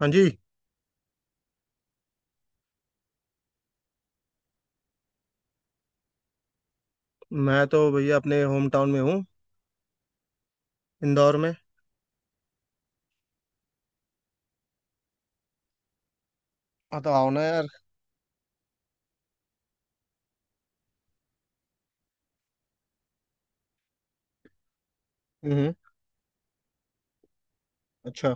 हाँ जी। मैं तो भैया अपने होम टाउन में हूँ, इंदौर में। हाँ, तो आओ ना यार। हम्म। अच्छा।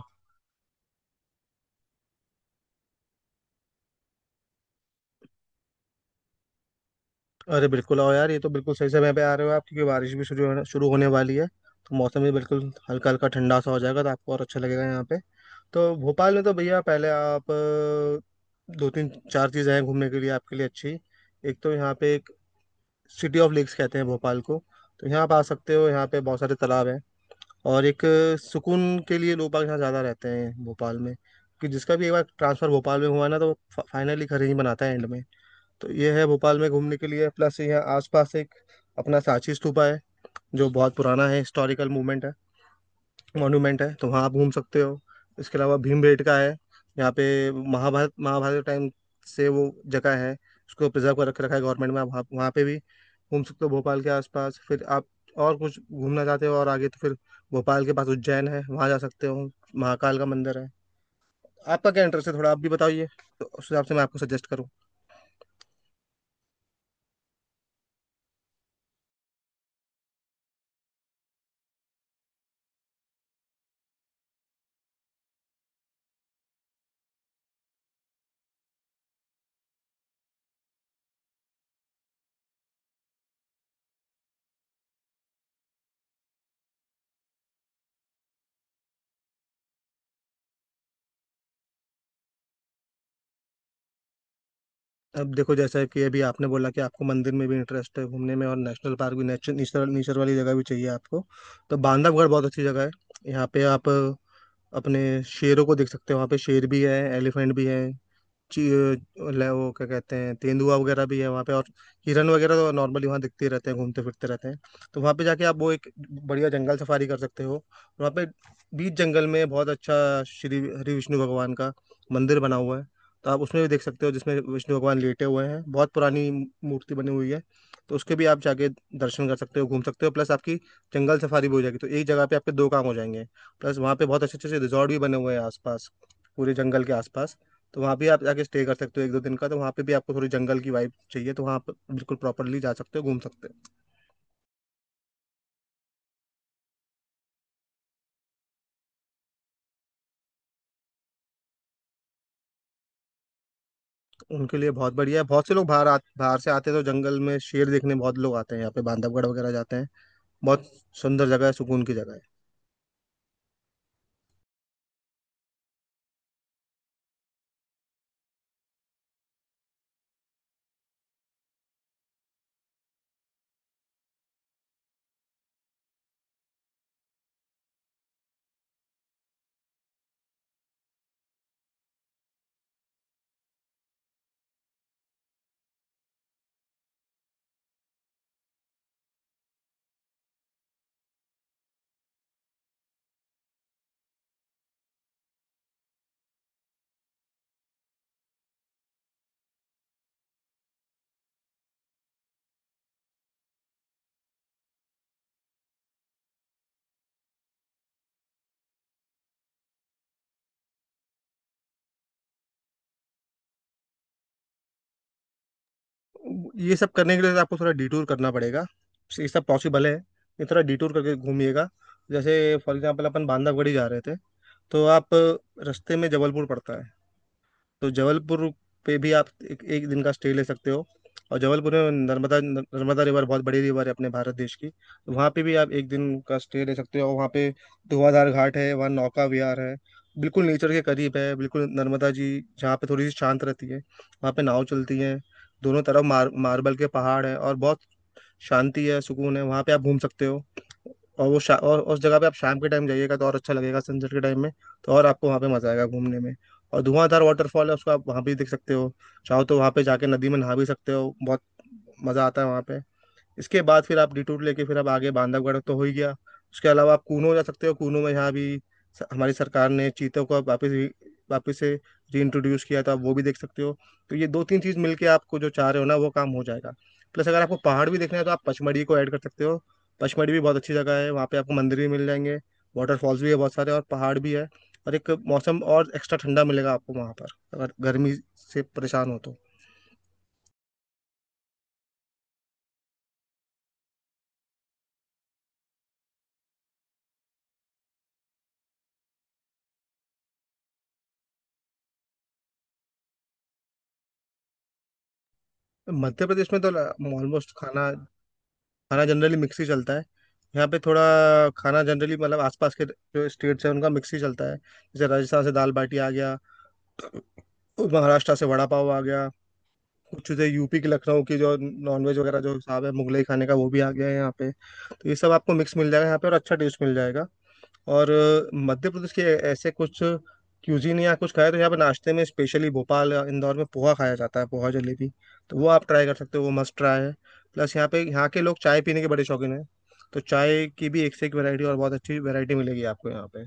अरे बिल्कुल आओ यार, ये तो बिल्कुल सही समय पे आ रहे हो आप, क्योंकि बारिश भी शुरू होने वाली है, तो मौसम भी बिल्कुल हल्का हल्का ठंडा सा हो जाएगा, तो आपको और अच्छा लगेगा यहाँ पे। तो भोपाल में तो भैया पहले आप दो तीन चार चीज़ें हैं घूमने के लिए आपके लिए अच्छी। एक तो यहाँ पे एक सिटी ऑफ लेक्स कहते हैं भोपाल को, तो यहाँ आप आ सकते हो, यहाँ पे बहुत सारे तालाब हैं। और एक सुकून के लिए लोग बाग यहाँ ज़्यादा रहते हैं भोपाल में, कि जिसका भी एक बार ट्रांसफ़र भोपाल में हुआ ना तो फाइनली घर ही बनाता है एंड में। तो ये है भोपाल में घूमने के लिए। प्लस यहाँ आसपास एक अपना सांची स्तूपा है जो बहुत पुराना है, हिस्टोरिकल मूवमेंट है, मॉन्यूमेंट है, तो वहाँ आप घूम सकते हो। इसके अलावा भीमबेटका का है यहाँ पे, महाभारत महाभारत के टाइम से वो जगह है, उसको प्रिजर्व कर रख रखा है गवर्नमेंट में। आप वहाँ वहाँ पे भी घूम सकते हो भोपाल के आसपास। फिर आप और कुछ घूमना चाहते हो और आगे तो फिर भोपाल के पास उज्जैन है, वहाँ जा सकते हो, महाकाल का मंदिर है। आपका क्या इंटरेस्ट है, थोड़ा आप भी बताइए, तो उस हिसाब से मैं आपको सजेस्ट करूँ। अब देखो जैसा कि अभी आपने बोला कि आपको मंदिर में भी इंटरेस्ट है घूमने में, और नेशनल पार्क भी, नेचर नेचर नेचर वाली जगह भी चाहिए आपको, तो बांधवगढ़ बहुत अच्छी जगह है। यहाँ पे आप अपने शेरों को देख सकते हो, वहाँ पे शेर भी है, एलिफेंट भी है, ची- वो क्या कहते हैं, तेंदुआ वगैरह भी है वहाँ पे, और हिरन वगैरह तो नॉर्मली वहाँ दिखते ही रहते हैं, घूमते फिरते रहते हैं। तो वहाँ पे जाके आप वो एक बढ़िया जंगल सफारी कर सकते हो, और वहाँ पे बीच जंगल में बहुत अच्छा श्री हरि विष्णु भगवान का मंदिर बना हुआ है, तो आप उसमें भी देख सकते हो, जिसमें विष्णु भगवान लेटे हुए हैं, बहुत पुरानी मूर्ति बनी हुई है। तो उसके भी आप जाके दर्शन कर सकते हो, घूम सकते हो, प्लस आपकी जंगल सफारी भी हो जाएगी, तो एक जगह पे आपके दो काम हो जाएंगे। प्लस वहाँ पे बहुत अच्छे अच्छे रिजॉर्ट भी बने हुए हैं आसपास, पूरे जंगल के आसपास, तो वहाँ भी आप जाके स्टे कर सकते हो एक दो दिन का। तो वहाँ पे भी आपको थोड़ी जंगल की वाइब चाहिए तो वहाँ आप बिल्कुल प्रॉपरली जा सकते हो, घूम सकते हो। उनके लिए बहुत बढ़िया है, बहुत से लोग बाहर से आते हैं, तो जंगल में शेर देखने बहुत लोग आते हैं यहाँ पे, बांधवगढ़ वगैरह जाते हैं। बहुत सुंदर जगह है, सुकून की जगह है। ये सब करने के लिए तो आपको थोड़ा डिटूर करना पड़ेगा। ये सब पॉसिबल है, ये थोड़ा डिटूर करके घूमिएगा। जैसे फॉर एग्जाम्पल अपन बांधवगढ़ ही जा रहे थे, तो आप रास्ते में जबलपुर पड़ता है, तो जबलपुर पे भी आप एक दिन का स्टे ले सकते हो। और जबलपुर में नर्मदा नर्मदा रिवर बहुत बड़ी रिवर है अपने भारत देश की, तो वहाँ पे भी आप एक दिन का स्टे ले सकते हो। वहाँ पे धुआंधार घाट है, वहाँ नौका विहार है, बिल्कुल नेचर के करीब है, बिल्कुल नर्मदा जी जहाँ पे थोड़ी सी शांत रहती है वहाँ पे नाव चलती है। दोनों तरफ मार्बल के पहाड़ है, और बहुत शांति है, सुकून है, वहाँ पे आप घूम सकते हो। और और उस जगह पे आप शाम के टाइम जाइएगा तो और अच्छा लगेगा, सनसेट के टाइम में, तो और आपको वहाँ पे मजा आएगा घूमने में। और धुआंधार वाटरफॉल है, उसको आप वहाँ भी देख सकते हो। चाहो तो वहाँ पे जाके नदी में नहा भी सकते हो, बहुत मजा आता है वहाँ पे। इसके बाद फिर आप डिटूर लेके फिर आप आगे बांधवगढ़ तो हो ही गया। उसके अलावा आप कूनो जा सकते हो, कूनो में यहाँ भी हमारी सरकार ने चीतों को अब वापस से रीइंट्रोड्यूस किया था, आप वो भी देख सकते हो। तो ये दो तीन चीज़ मिलके आपको जो चाह रहे हो ना वो काम हो जाएगा। प्लस अगर आपको पहाड़ भी देखना है तो आप पचमढ़ी को ऐड कर सकते हो। पचमढ़ी भी बहुत अच्छी जगह है, वहाँ पे आपको मंदिर भी मिल जाएंगे, वाटरफॉल्स भी है बहुत सारे, और पहाड़ भी है, और एक मौसम और एक्स्ट्रा ठंडा मिलेगा आपको वहाँ पर, अगर गर्मी से परेशान हो तो। मध्य प्रदेश में तो ऑलमोस्ट खाना, खाना जनरली मिक्स ही चलता है। यहाँ पे थोड़ा खाना जनरली मतलब आसपास के जो स्टेट्स हैं उनका मिक्स ही चलता है, जैसे राजस्थान से दाल बाटी आ गया, और महाराष्ट्र से वड़ा पाव आ गया। कुछ चीज़ें यूपी के लखनऊ की, जो नॉनवेज वगैरह, जो हिसाब है मुगलई खाने का, वो भी आ गया है यहाँ पे, तो ये सब आपको मिक्स मिल जाएगा यहाँ पे और अच्छा टेस्ट मिल जाएगा। और मध्य प्रदेश के ऐसे कुछ क्यूजीन या कुछ खाया, तो यहाँ पे नाश्ते में स्पेशली भोपाल या इंदौर में पोहा खाया जाता है, पोहा जलेबी, तो वो आप ट्राई कर सकते हो, वो मस्ट ट्राई है। प्लस यहाँ पे यहाँ के लोग चाय पीने के बड़े शौकीन हैं, तो चाय की भी एक से एक वैरायटी और बहुत अच्छी वैरायटी मिलेगी आपको यहाँ पे।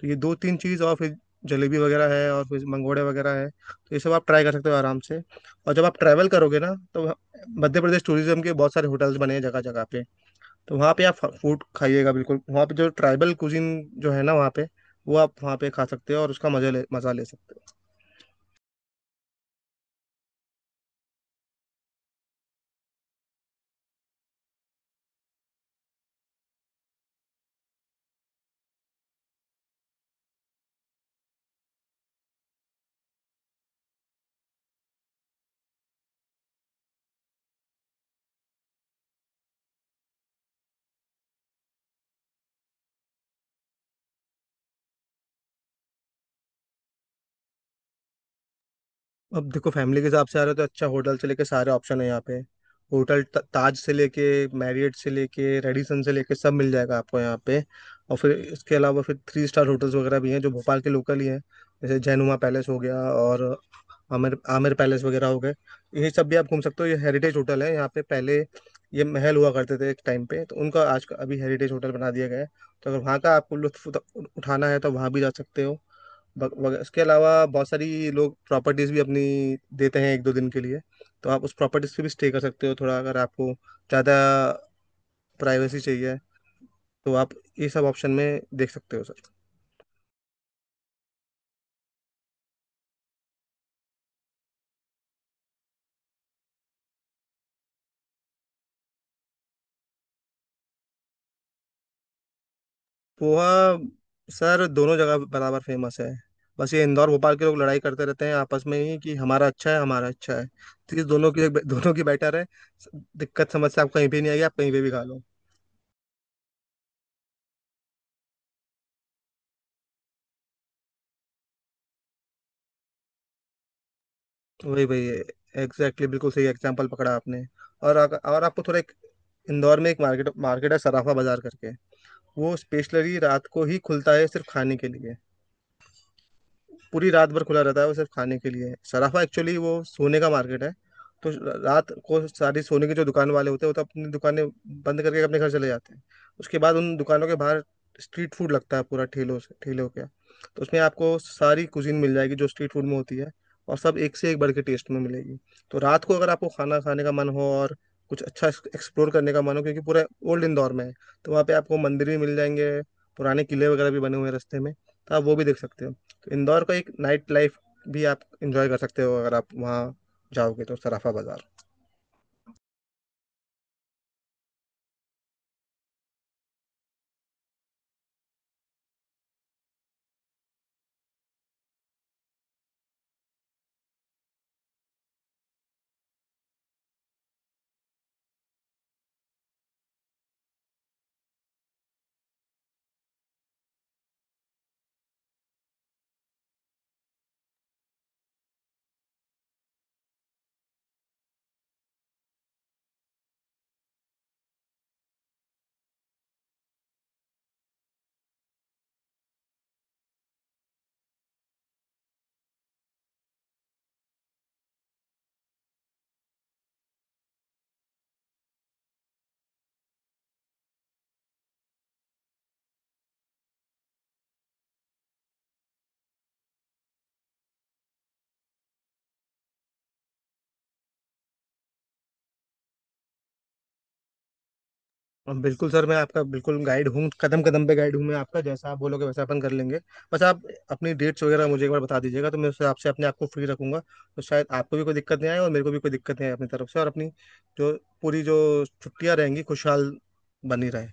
तो ये दो तीन चीज़, और फिर जलेबी वगैरह है, और फिर मंगोड़े वगैरह है, तो ये सब आप ट्राई कर सकते हो आराम से। और जब आप ट्रैवल करोगे ना, तो मध्य प्रदेश टूरिज्म के बहुत सारे होटल्स बने हैं जगह जगह पे, तो वहाँ पे आप फूड खाइएगा, बिल्कुल वहाँ पे जो ट्राइबल कुजिन जो है ना, वहाँ पे वो आप वहाँ पे खा सकते हो, और उसका मजा ले सकते हो। अब देखो फैमिली के हिसाब से आ रहे हो तो अच्छा होटल से लेके सारे ऑप्शन है यहाँ पे। होटल ताज से लेके, मैरियट से लेके, रेडिसन से लेके सब मिल जाएगा आपको यहाँ पे। और फिर इसके अलावा फिर थ्री स्टार होटल्स वगैरह भी हैं जो भोपाल के लोकल ही हैं, जैसे जैनुमा पैलेस हो गया, और आमिर आमिर पैलेस वगैरह हो गए। ये सब भी आप घूम सकते हो, ये हेरिटेज होटल है, यहाँ पे पहले ये महल हुआ करते थे एक टाइम पे, तो उनका आज का अभी हेरिटेज होटल बना दिया गया है। तो अगर वहाँ का आपको लुत्फ उठाना है तो वहाँ भी जा सकते हो। उसके अलावा बहुत सारी लोग प्रॉपर्टीज भी अपनी देते हैं एक दो दिन के लिए, तो आप उस प्रॉपर्टीज पे भी स्टे कर सकते हो, थोड़ा अगर आपको ज़्यादा प्राइवेसी चाहिए, तो आप ये सब ऑप्शन में देख सकते हो सर। पोहा सर दोनों जगह बराबर फेमस है। बस ये इंदौर भोपाल के लोग लड़ाई करते रहते हैं आपस में ही कि हमारा अच्छा है, हमारा अच्छा है, तो ये दोनों की बेटर है। दिक्कत समस्या आप कहीं भी नहीं आएगी, आप कहीं पे भी खा लो। तो वही वही एग्जैक्टली, बिल्कुल सही एग्जांपल पकड़ा आपने। और और आपको थोड़ा एक इंदौर में एक मार्केट मार्केट है, सराफा बाजार करके, वो स्पेशली रात को ही खुलता है, सिर्फ खाने के लिए। पूरी रात भर खुला रहता है, वो सिर्फ खाने के लिए है, सराफा एक्चुअली वो सोने का मार्केट है, तो रात को सारी सोने की जो दुकान वाले होते हैं वो तो अपनी दुकानें बंद करके अपने घर चले जाते हैं। उसके बाद उन दुकानों के बाहर स्ट्रीट फूड लगता है पूरा, ठेलों से ठेलों के, तो उसमें आपको सारी कुजीन मिल जाएगी जो स्ट्रीट फूड में होती है, और सब एक से एक बढ़ के टेस्ट में मिलेगी। तो रात को अगर आपको खाना खाने का मन हो और कुछ अच्छा एक्सप्लोर करने का मन हो, क्योंकि पूरा ओल्ड इंदौर में है, तो वहाँ पे आपको मंदिर भी मिल जाएंगे, पुराने किले वगैरह भी बने हुए हैं रास्ते में, तो आप वो भी देख सकते हो। तो इंदौर का एक नाइट लाइफ भी आप इंजॉय कर सकते हो अगर आप वहाँ जाओगे तो, सराफा बाजार। अब बिल्कुल सर मैं आपका बिल्कुल गाइड हूँ, कदम कदम पे गाइड हूँ मैं आपका, जैसा आप बोलोगे वैसा अपन कर लेंगे। बस आप अपनी डेट्स वगैरह मुझे एक बार बता दीजिएगा, तो मैं उससे आपसे अपने आप को फ्री रखूंगा, तो शायद आपको भी कोई दिक्कत नहीं आए और मेरे को भी कोई दिक्कत नहीं आए अपनी तरफ से, और अपनी जो पूरी जो छुट्टियाँ रहेंगी खुशहाल बनी रहे।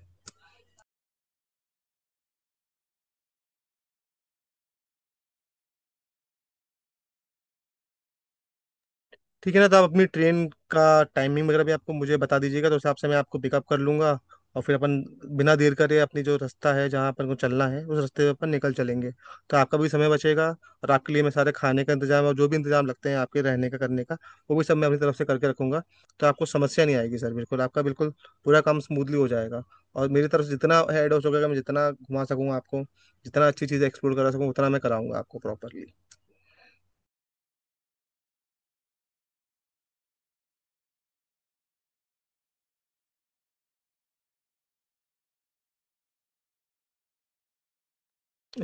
ठीक है ना, तो आप अपनी ट्रेन का टाइमिंग वगैरह भी आपको मुझे बता दीजिएगा, तो उस हिसाब से मैं आपको पिकअप कर लूंगा, और फिर अपन बिना देर करे अपनी जो रास्ता है, जहाँ अपन को चलना है, उस रास्ते पे अपन निकल चलेंगे, तो आपका भी समय बचेगा। और आपके लिए मैं सारे खाने का इंतजाम और जो भी इंतजाम लगते हैं आपके रहने का करने का, वो भी सब मैं अपनी तरफ से करके रखूंगा, तो आपको समस्या नहीं आएगी सर, बिल्कुल आपका बिल्कुल पूरा काम स्मूथली हो जाएगा। और मेरी तरफ से जितना हेड हो सकेगा, मैं जितना घुमा सकूंगा आपको, जितना अच्छी चीज़ एक्सप्लोर करा सकूँ उतना मैं कराऊंगा आपको प्रॉपरली।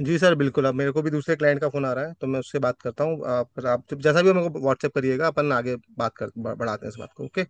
जी सर बिल्कुल, अब मेरे को भी दूसरे क्लाइंट का फोन आ रहा है, तो मैं उससे बात करता हूँ। आप जैसा भी हो मेरे को व्हाट्सएप करिएगा, अपन आगे बात कर बढ़ाते हैं इस बात को, ओके।